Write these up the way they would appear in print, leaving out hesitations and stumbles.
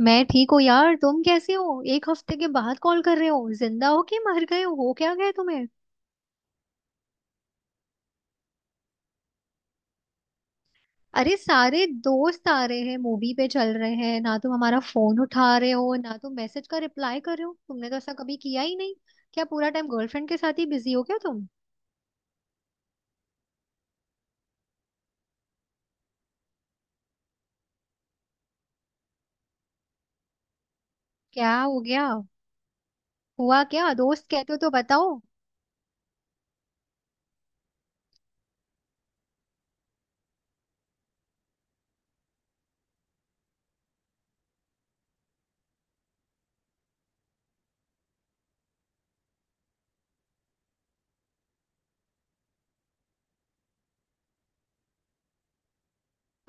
मैं ठीक हूँ यार। तुम कैसे हो? एक हफ्ते के बाद कॉल कर रहे हो। जिंदा हो कि मर गए हो? हो क्या गए तुम्हें? अरे सारे दोस्त आ रहे हैं, मूवी पे चल रहे हैं ना, तुम हमारा फोन उठा रहे हो, ना तुम मैसेज का रिप्लाई कर रहे हो, तुमने तो ऐसा कभी किया ही नहीं। क्या पूरा टाइम गर्लफ्रेंड के साथ ही बिजी हो क्या तुम? क्या हो गया? हुआ क्या? दोस्त कहते हो तो बताओ।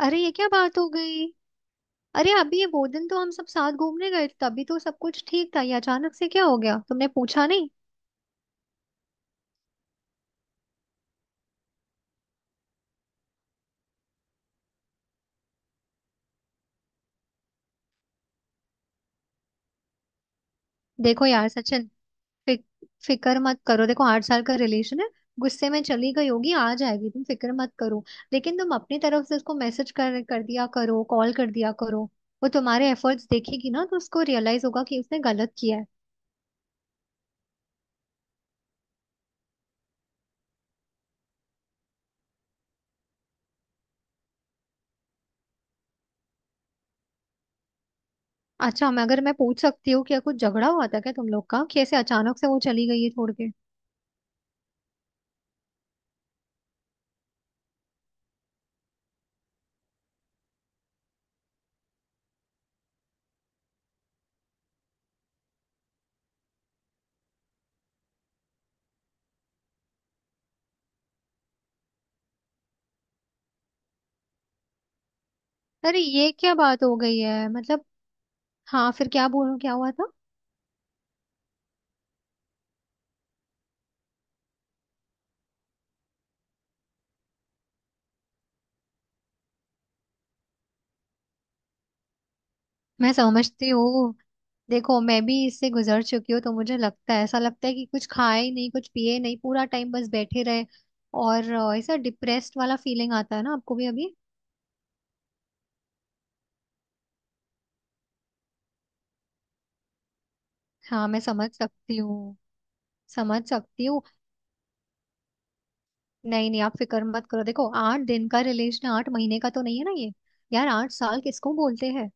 अरे ये क्या बात हो गई। अरे अभी वो दिन तो हम सब साथ घूमने गए थे, तभी तो सब कुछ ठीक था। ये अचानक से क्या हो गया? तुमने पूछा नहीं? देखो यार सचिन, फिक, फिक्र मत करो। देखो 8 साल का रिलेशन है, गुस्से में चली गई होगी, आ जाएगी। तुम फिक्र मत करो। लेकिन तुम अपनी तरफ से उसको मैसेज कर कर दिया करो, कॉल कर दिया करो। वो तुम्हारे एफर्ट्स देखेगी ना तो उसको रियलाइज होगा कि उसने गलत किया है। अच्छा मैं अगर मैं पूछ सकती हूँ, क्या कुछ झगड़ा हुआ था क्या तुम लोग का, कि ऐसे अचानक से वो चली गई है छोड़ के? अरे ये क्या बात हो गई है मतलब। हाँ फिर, क्या बोलूं, क्या हुआ था? मैं समझती हूँ। देखो मैं भी इससे गुजर चुकी हूँ, तो मुझे लगता है, ऐसा लगता है कि कुछ खाए ही नहीं, कुछ पिए नहीं, पूरा टाइम बस बैठे रहे। और ऐसा डिप्रेस्ड वाला फीलिंग आता है ना आपको भी अभी। हाँ, मैं समझ सकती हूँ। समझ सकती हूँ। नहीं नहीं, आप फिक्र मत करो। देखो 8 दिन का रिलेशन 8 महीने का तो नहीं है ना ये। यार 8 साल किसको बोलते हैं?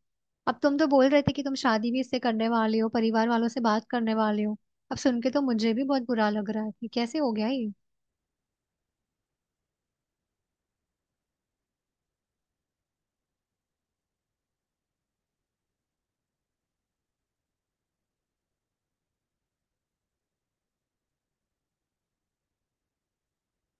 अब तुम तो बोल रहे थे कि तुम शादी भी इससे करने वाले हो, परिवार वालों से बात करने वाले हो। अब सुन के तो मुझे भी बहुत बुरा लग रहा है कि कैसे हो गया ये।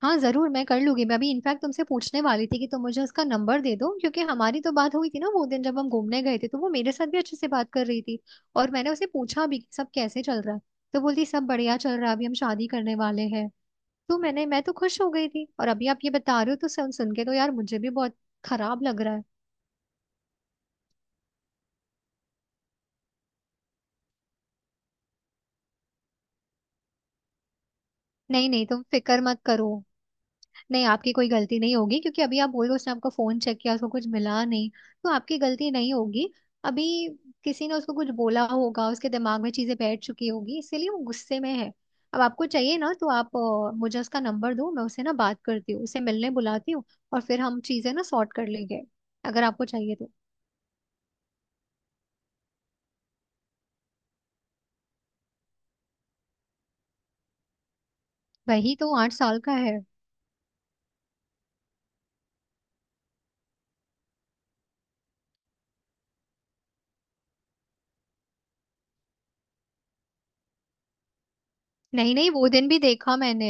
हाँ जरूर, मैं कर लूंगी। मैं अभी इनफैक्ट तुमसे पूछने वाली थी कि तुम मुझे उसका नंबर दे दो, क्योंकि हमारी तो बात हुई थी ना वो दिन, जब हम घूमने गए थे तो वो मेरे साथ भी अच्छे से बात कर रही थी। और मैंने उसे पूछा भी कि सब कैसे चल रहा है, तो बोलती सब बढ़िया चल रहा है, अभी हम शादी करने वाले हैं। मैं तो खुश हो गई थी, और अभी आप ये बता रहे हो तो सुन सुन के तो यार मुझे भी बहुत खराब लग रहा है। नहीं नहीं, तुम फिक्र मत करो। नहीं, आपकी कोई गलती नहीं होगी, क्योंकि अभी आप बोल रहे हो उसने आपका फोन चेक किया, उसको कुछ मिला नहीं, तो आपकी गलती नहीं होगी। अभी किसी ने उसको कुछ बोला होगा, उसके दिमाग में चीजें बैठ चुकी होगी, इसीलिए वो गुस्से में है। अब आपको चाहिए ना तो आप मुझे उसका नंबर दो, मैं उससे ना बात करती हूँ, उसे मिलने बुलाती हूँ, और फिर हम चीजें ना सॉर्ट कर लेंगे, अगर आपको चाहिए तो। वही तो, 8 साल का है। नहीं नहीं, वो दिन भी देखा मैंने।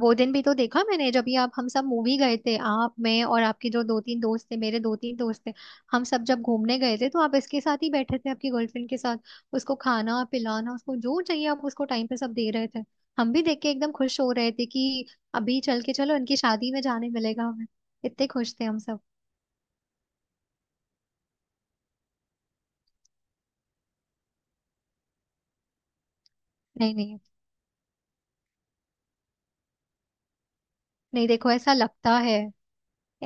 वो दिन भी तो देखा मैंने जब ये आप, हम सब मूवी गए थे, आप, मैं और आपके जो दो तीन दोस्त थे, मेरे दो तीन दोस्त थे, हम सब जब घूमने गए थे, तो आप इसके साथ ही बैठे थे, आपकी गर्लफ्रेंड के साथ। उसको खाना पिलाना, उसको जो चाहिए आप उसको टाइम पे सब दे रहे थे। हम भी देख के एकदम खुश हो रहे थे कि अभी चल के चलो इनकी शादी में जाने मिलेगा हमें। इतने खुश थे हम सब। नहीं नहीं नहीं, देखो ऐसा लगता है,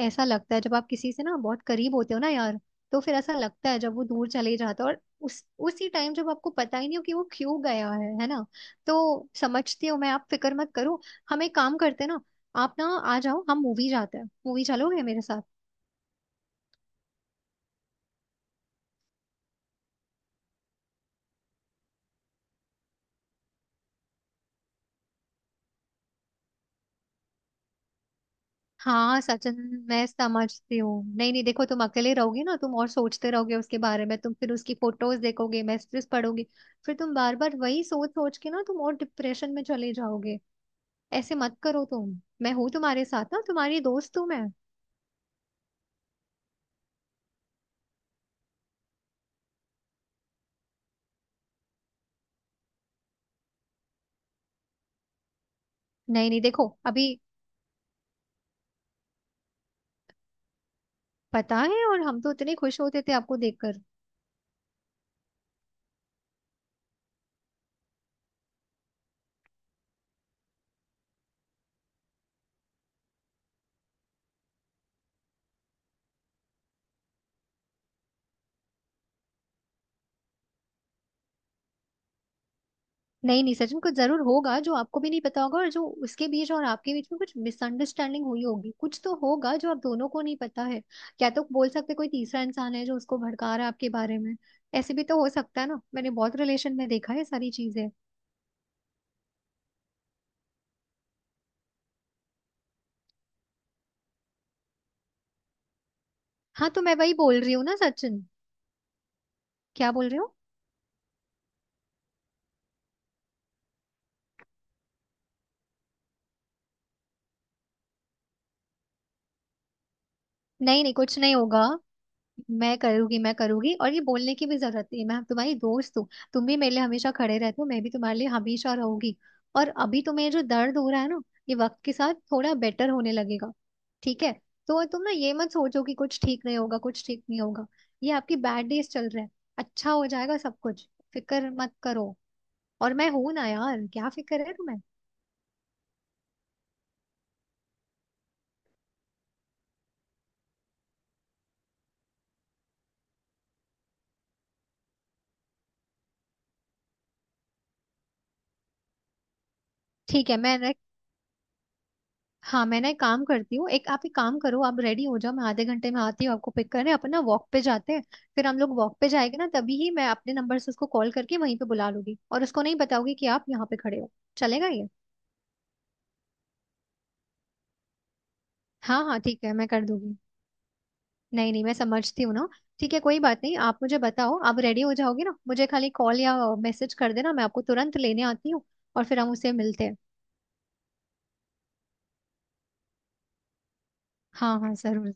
ऐसा लगता है जब आप किसी से ना बहुत करीब होते हो ना यार, तो फिर ऐसा लगता है जब वो दूर चले जाता है, और उस उसी टाइम जब आपको पता ही नहीं हो कि वो क्यों गया है ना। तो समझती हूँ मैं, आप फिक्र मत करो। हम एक काम करते हैं ना, आप ना आ जाओ, हम मूवी जाते हैं। मूवी चलोगे मेरे साथ? हाँ सचिन, मैं समझती हूँ। नहीं नहीं, देखो तुम अकेले रहोगे ना तुम, और सोचते रहोगे उसके बारे में, तुम फिर उसकी फोटोज देखोगे, मैसेजेस पढ़ोगे, फिर तुम बार बार वही सोच सोच के ना तुम और डिप्रेशन में चले जाओगे। ऐसे मत करो तुम। मैं हूं तुम्हारे साथ ना, तुम्हारी दोस्त हूं मैं। नहीं नहीं, देखो अभी, पता है, और हम तो इतने खुश होते थे आपको देखकर। नहीं नहीं, सच में कुछ जरूर होगा जो आपको भी नहीं पता होगा, और जो उसके बीच और आपके बीच में कुछ मिसअंडरस्टैंडिंग हुई होगी, कुछ तो होगा जो आप दोनों को नहीं पता है। क्या तो बोल सकते, कोई तीसरा इंसान है जो उसको भड़का रहा है आपके बारे में। ऐसे भी तो हो सकता है ना, मैंने बहुत रिलेशन में देखा है सारी चीजें। हाँ, तो मैं वही बोल रही हूँ ना सचिन। क्या बोल रहे हो? नहीं नहीं, कुछ नहीं होगा। मैं करूंगी, मैं करूंगी, और ये बोलने की भी जरूरत नहीं है, मैं तुम्हारी दोस्त हूँ। तुम भी मेरे लिए हमेशा खड़े रहते हो, मैं भी तुम्हारे लिए हमेशा रहूंगी। और अभी तुम्हें जो दर्द हो रहा है ना, ये वक्त के साथ थोड़ा बेटर होने लगेगा, ठीक है? तो तुम ना ये मत सोचो कि कुछ ठीक नहीं होगा, कुछ ठीक नहीं होगा। ये आपकी बैड डेज चल रहे हैं, अच्छा हो जाएगा सब कुछ। फिक्र मत करो, और मैं हूं ना यार, क्या फिक्र है तुम्हें? ठीक है। मैं, हाँ मैं ना एक काम करती हूँ, एक आप एक काम करो, आप रेडी हो जाओ, मैं आधे घंटे में आती हूँ आपको पिक करने, अपन ना वॉक पे जाते हैं। फिर हम लोग वॉक पे जाएंगे ना, तभी ही मैं अपने नंबर से उसको कॉल करके वहीं पे बुला लूंगी, और उसको नहीं बताऊंगी कि आप यहाँ पे खड़े हो। चलेगा ये? हाँ हाँ ठीक है, मैं कर दूंगी। नहीं नहीं, मैं समझती हूँ ना। ठीक है, कोई बात नहीं, आप मुझे बताओ, आप रेडी हो जाओगे ना, मुझे खाली कॉल या मैसेज कर देना, मैं आपको तुरंत लेने आती हूँ, और फिर हम उसे मिलते हैं। हाँ हाँ जरूर।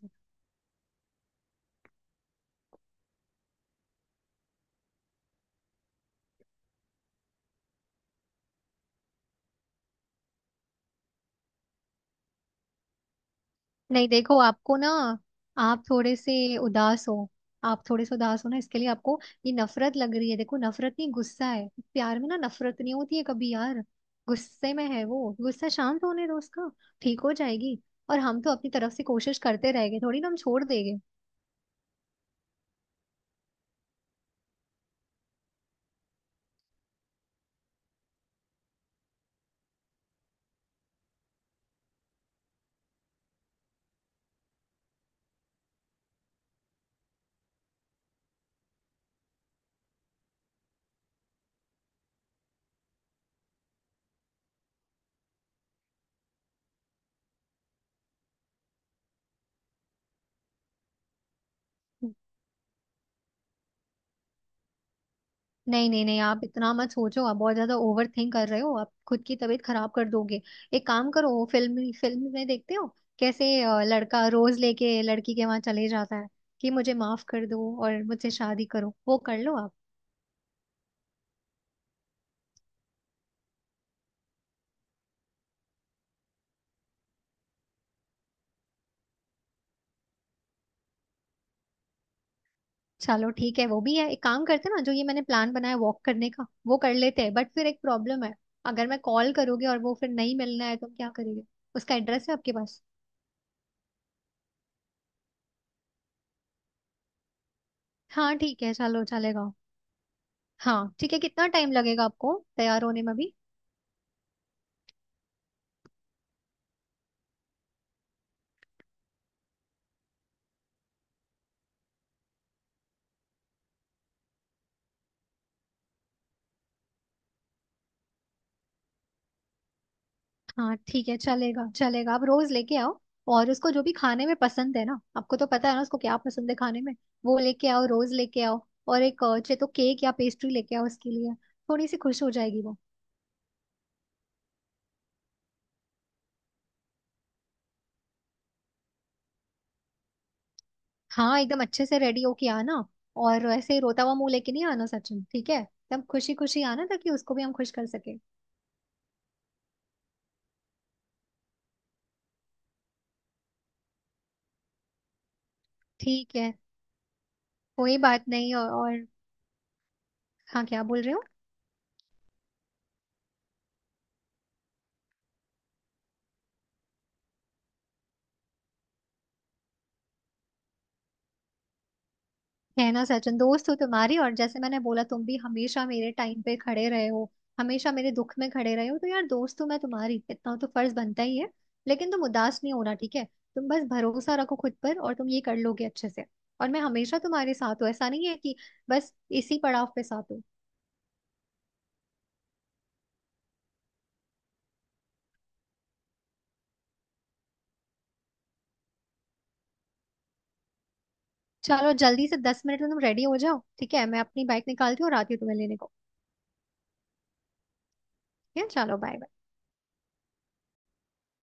नहीं देखो, आपको ना, आप थोड़े से उदास हो। आप थोड़े से उदास हो ना, इसके लिए आपको ये नफरत लग रही है। देखो नफरत नहीं, गुस्सा है। प्यार में ना नफरत नहीं होती है कभी यार। गुस्से में है वो, गुस्सा शांत होने दो उसका। ठीक हो जाएगी। और हम तो अपनी तरफ से कोशिश करते रहेंगे, थोड़ी ना हम छोड़ देंगे। नहीं नहीं नहीं, आप इतना मत सोचो, आप बहुत ज्यादा ओवर थिंक कर रहे हो, आप खुद की तबीयत खराब कर दोगे। एक काम करो, वो फिल्म, फिल्म में देखते हो कैसे लड़का रोज लेके लड़की के वहां चले जाता है कि मुझे माफ कर दो और मुझसे शादी करो, वो कर लो आप। चलो ठीक है, वो भी है, एक काम करते हैं ना, जो ये मैंने प्लान बनाया वॉक करने का वो कर लेते हैं, बट फिर एक प्रॉब्लम है। अगर मैं कॉल करोगे और वो फिर नहीं मिलना है तो हम क्या करेंगे? उसका एड्रेस है आपके पास? हाँ ठीक है, चलो चलेगा। हाँ ठीक है, कितना टाइम लगेगा आपको तैयार होने में भी? हाँ ठीक है, चलेगा चलेगा, आप रोज लेके आओ। और उसको जो भी खाने में पसंद है ना, आपको तो पता है ना उसको क्या पसंद है खाने में, वो लेके आओ, रोज लेके आओ। और एक चाहे तो केक या पेस्ट्री लेके आओ उसके लिए, थोड़ी सी खुश हो जाएगी वो। हाँ एकदम अच्छे से रेडी होके आना, और ऐसे ही रोता हुआ मुंह लेके नहीं आना सचिन, ठीक है? एकदम खुशी खुशी आना ताकि उसको भी हम खुश कर सके। ठीक है, कोई बात नहीं। और हाँ, क्या बोल रहे हो? है ना सचिन, दोस्त हो तुम्हारी, और जैसे मैंने बोला, तुम भी हमेशा मेरे टाइम पे खड़े रहे हो, हमेशा मेरे दुख में खड़े रहे हो, तो यार दोस्त हूं मैं तुम्हारी, इतना तो फर्ज बनता ही है। लेकिन तुम उदास नहीं होना, ठीक है? तुम बस भरोसा रखो खुद पर, और तुम ये कर लोगे अच्छे से। और मैं हमेशा तुम्हारे साथ हूँ, ऐसा नहीं है कि बस इसी पड़ाव पे साथ हूँ। चलो जल्दी से 10 मिनट में तुम रेडी हो जाओ, ठीक है? मैं अपनी बाइक निकालती हूँ और आती हूँ तुम्हें लेने को। ठीक है, चलो बाय।